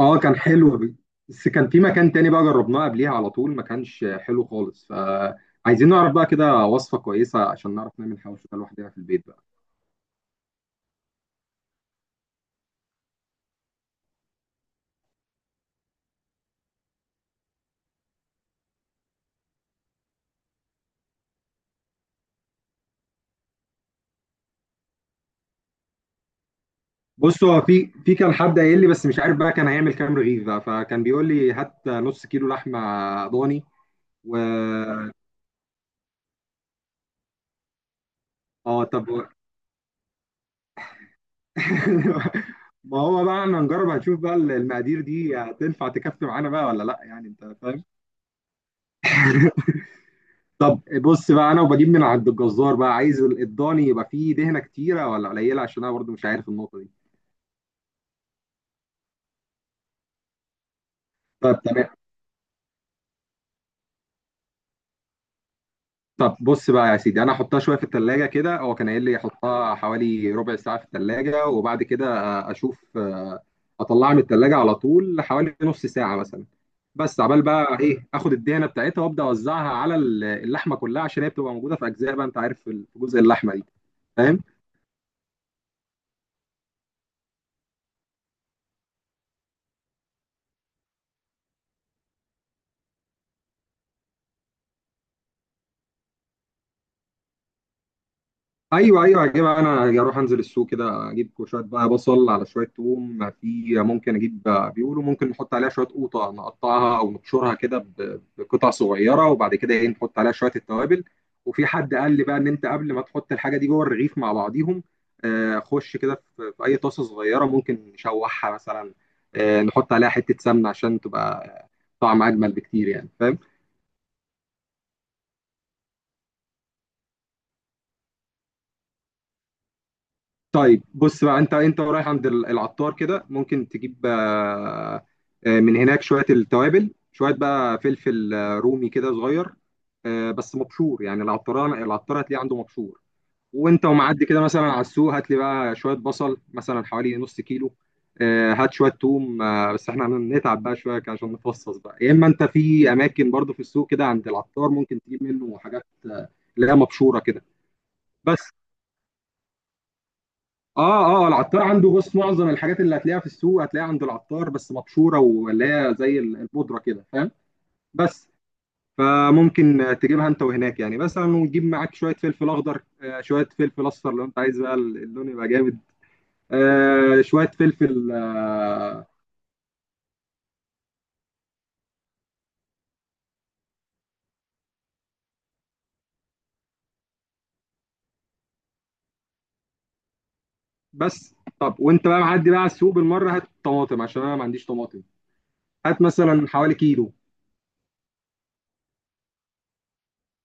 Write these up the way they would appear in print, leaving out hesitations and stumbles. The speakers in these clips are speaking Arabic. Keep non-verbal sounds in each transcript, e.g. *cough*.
اه كان حلو بس كان في مكان تاني بقى جربناه قبليها على طول ما كانش حلو خالص، فعايزين نعرف بقى كده وصفة كويسة عشان نعرف نعمل حواوشي ده لوحدنا في البيت بقى. بص، هو في كان حد قايل لي، بس مش عارف بقى كان هيعمل كام رغيف بقى. فكان بيقول لي هات نص كيلو لحمة ضاني و اه طب و- *laughs* ما هو بقى احنا هنجرب هنشوف بقى المقادير دي هتنفع تكفي معانا بقى ولا لا، يعني انت فاهم. *laughs* طب بص بقى، انا وبجيب من عند الجزار بقى، عايز الضاني يبقى فيه دهنه كتيره ولا قليله؟ عشان انا برضو مش عارف النقطه دي. طب تمام. طب بص بقى يا سيدي، انا احطها شويه في التلاجة كده، هو كان قايل لي احطها حوالي ربع ساعه في التلاجة وبعد كده اشوف، اطلعها من التلاجة على طول حوالي نص ساعه مثلا. بس عبال بقى ايه، اخد الدهنه بتاعتها وابدا اوزعها على اللحمه كلها عشان هي بتبقى موجوده في اجزاء بقى، انت عارف، في جزء اللحمه دي، فاهم؟ ايوه ايوه، هجيب انا، اروح انزل السوق كده اجيب شويه بقى بصل على شويه توم، في ممكن اجيب، بيقولوا ممكن نحط عليها شويه قوطه نقطعها او نبشرها كده بقطع صغيره، وبعد كده ايه، نحط عليها شويه التوابل. وفي حد قال لي بقى ان انت قبل ما تحط الحاجه دي جوه الرغيف مع بعضيهم، خش كده في اي طاسه صغيره، ممكن نشوحها مثلا، نحط عليها حته سمنه عشان تبقى طعم اجمل بكتير، يعني فاهم؟ طيب بص بقى، انت رايح عند العطار كده، ممكن تجيب من هناك شويه التوابل، شويه بقى فلفل رومي كده صغير، بس مبشور. يعني العطار هتلاقيه عنده مبشور. وانت ومعدي كده مثلا على السوق، هات لي بقى شويه بصل مثلا حوالي نص كيلو، هات شويه توم، بس احنا هنتعب بقى شويه عشان نفصص بقى، يا اما انت في اماكن برضو في السوق كده عند العطار ممكن تجيب منه حاجات آه، اللي هي مبشوره كده. بس اه العطار عنده، بص، معظم الحاجات اللي هتلاقيها في السوق هتلاقيها عند العطار بس مبشوره، واللي هي زي البودره كده، فاهم؟ بس فممكن تجيبها انت وهناك يعني، مثلا وتجيب معاك شويه فلفل اخضر، آه شويه فلفل اصفر لو انت عايز بقى اللون يبقى جامد، آه شويه فلفل آه بس. طب، وانت بقى معدي بقى على السوق بالمره هات طماطم عشان انا ما عنديش طماطم. هات مثلا حوالي كيلو.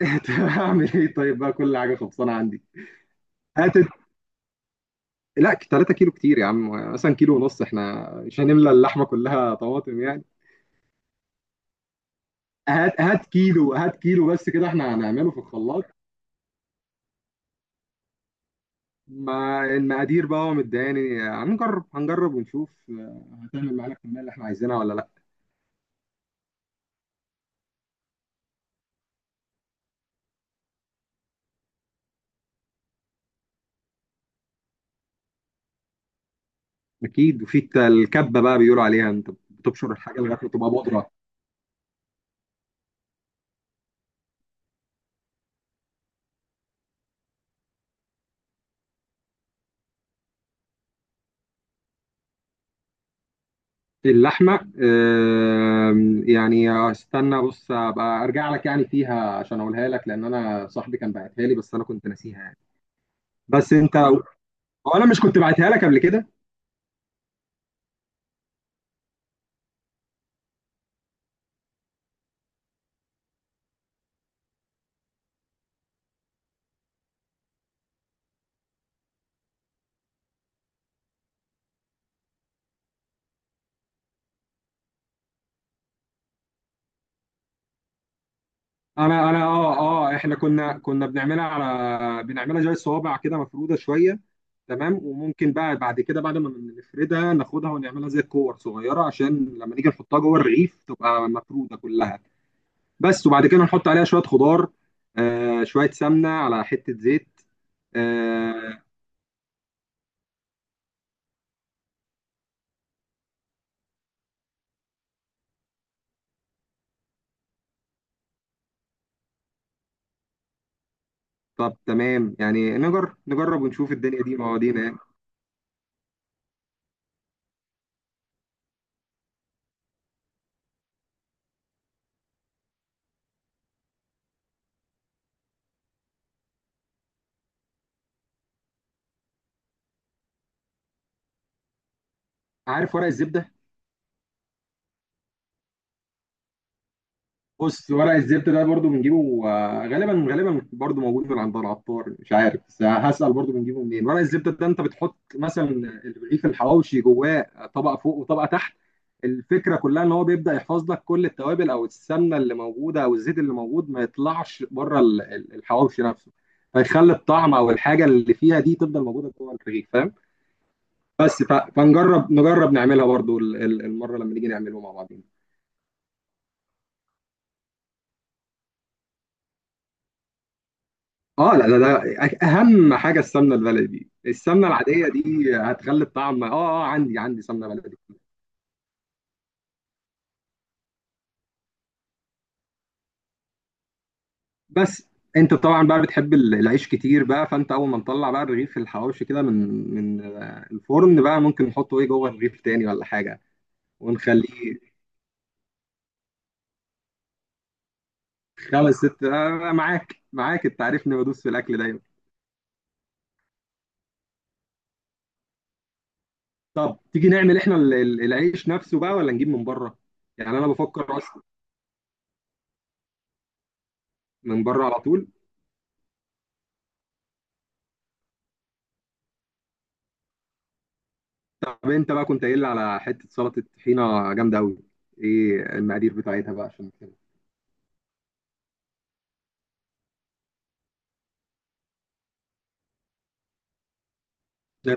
*laughs* هعمل ايه؟ طيب بقى، كل حاجه خلصانه عندي. هات، لا 3 كيلو كتير يا عم، مثلا كيلو ونص، احنا مش هنملى اللحمه كلها طماطم يعني. هات كيلو، هات كيلو بس كده، احنا هنعمله في الخلاط. ما المقادير بقى مداني، هنجرب هنجرب ونشوف، هتعمل معانا الكميه اللي احنا عايزينها ولا لا. اكيد. وفي الكبه بقى بيقولوا عليها، انت بتبشر الحاجه لغايه ما تبقى بودره. اللحمه يعني استنى، بص ابقى ارجع لك يعني فيها عشان اقولها لك، لان انا صاحبي كان باعتها لي بس انا كنت ناسيها يعني. بس انت، هو انا مش كنت بعتها لك قبل كده؟ انا اه احنا كنا بنعملها زي الصوابع كده مفروده شويه، تمام. وممكن بقى بعد كده، بعد ما نفردها ناخدها ونعملها زي الكور صغيره، عشان لما نيجي نحطها جوه الرغيف تبقى مفروده كلها. بس وبعد كده نحط عليها شويه خضار، آه شويه سمنه على حته زيت آه. طب تمام، يعني نجرب ونشوف، الدنيا دي مواضيع. عارف ورق الزبده؟ بص، ورق الزبدة ده برضو بنجيبه غالبا غالبا برضو موجود من عند العطار، مش عارف بس هسأل برضو بنجيبه منين ورق الزبدة ده. انت بتحط مثلا الرغيف الحواوشي جواه، طبقة فوق وطبقة تحت. الفكرة كلها ان هو بيبدأ يحفظ لك كل التوابل او السمنة اللي موجودة او الزيت اللي موجود ما يطلعش بره الحواوشي نفسه، فيخلي الطعم او الحاجة اللي فيها دي تفضل موجودة جوه الرغيف، فاهم؟ بس فنجرب نجرب نعملها برضو المرة لما نيجي نعمله مع بعض. اه لا، ده اهم حاجه، السمنه البلدي، السمنه العاديه دي هتخلي الطعم اه اه. عندي سمنه بلدي. بس انت طبعا بقى بتحب العيش كتير بقى، فانت اول ما نطلع بقى الرغيف الحواوشي كده من من الفرن بقى، ممكن نحطه ايه جوه الرغيف تاني ولا حاجه ونخليه. خمس ست آه معاك معاك، انت عارفني بدوس في الاكل دايما. طب تيجي نعمل احنا العيش نفسه بقى ولا نجيب من بره؟ يعني انا بفكر اصلا من بره على طول. طب انت بقى كنت قايل لي على حته سلطه طحينه جامده قوي، ايه المقادير بتاعتها بقى عشان كده؟ ده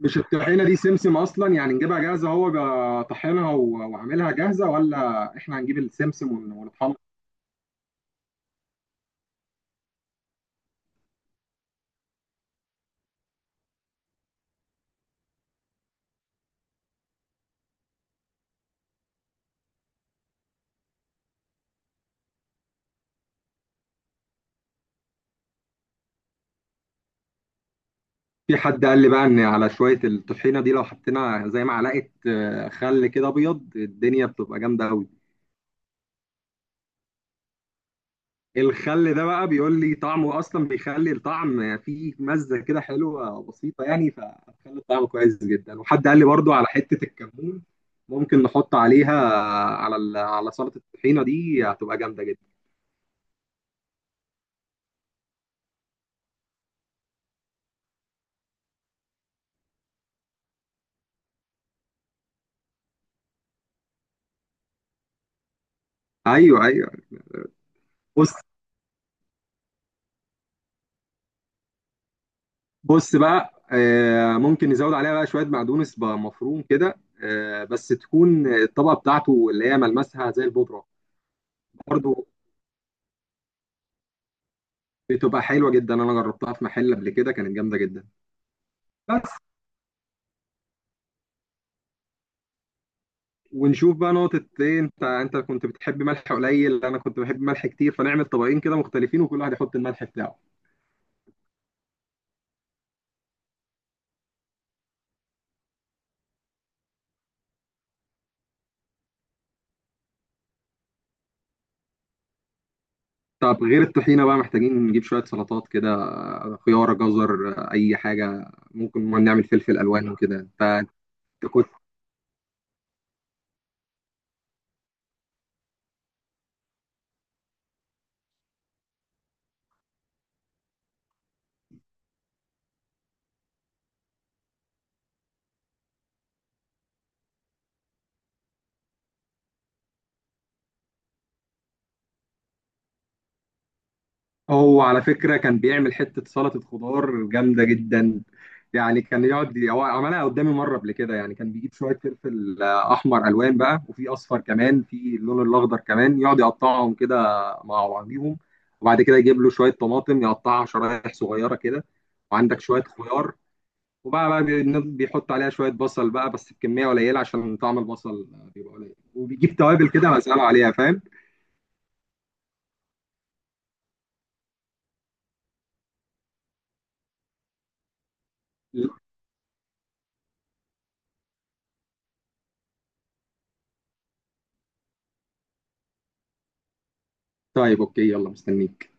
مش الطحينه دي سمسم اصلا؟ يعني نجيبها جاهزه هو طحنها وعاملها جاهزه، ولا احنا هنجيب السمسم ونطحنه؟ في حد قال لي بقى ان على شويه الطحينه دي لو حطينا زي معلقه خل كده ابيض، الدنيا بتبقى جامده قوي. الخل ده بقى بيقول لي طعمه اصلا بيخلي الطعم فيه مزه كده حلوه بسيطه يعني، فخلي الطعم كويس جدا. وحد قال لي برضو على حته الكمون ممكن نحط عليها على على سلطه الطحينه دي، هتبقى جامده جدا. ايوه ايوه. بص بص بقى، ممكن نزود عليها بقى شويه بقدونس بقى مفروم كده، بس تكون الطبقه بتاعته اللي هي ملمسها زي البودره. برضو بتبقى حلوه جدا، انا جربتها في محل قبل كده كانت جامده جدا. بس، ونشوف بقى نقطة ايه، انت انت كنت بتحب ملح قليل، انا كنت بحب ملح كتير، فنعمل طبقين كده مختلفين وكل واحد يحط الملح بتاعه. طب غير الطحينة بقى، محتاجين نجيب شوية سلطات كده، خيار، جزر، اي حاجة ممكن، ما نعمل فلفل الوان وكده انت. هو على فكرة كان بيعمل حتة سلطة خضار جامدة جدا. يعني كان يقعد هو، عملها قدامي مرة قبل كده، يعني كان بيجيب شوية فلفل أحمر، ألوان بقى، وفي أصفر كمان، في اللون الأخضر كمان، يقعد يقطعهم كده مع بعضيهم. وبعد كده يجيب له شوية طماطم يقطعها شرايح صغيرة كده، وعندك شوية خيار. وبقى بيحط عليها شوية بصل بقى بس بكمية قليلة عشان طعم البصل بيبقى قليل، وبيجيب توابل كده مسألة عليها، فاهم؟ طيب أوكي، يلا مستنيك.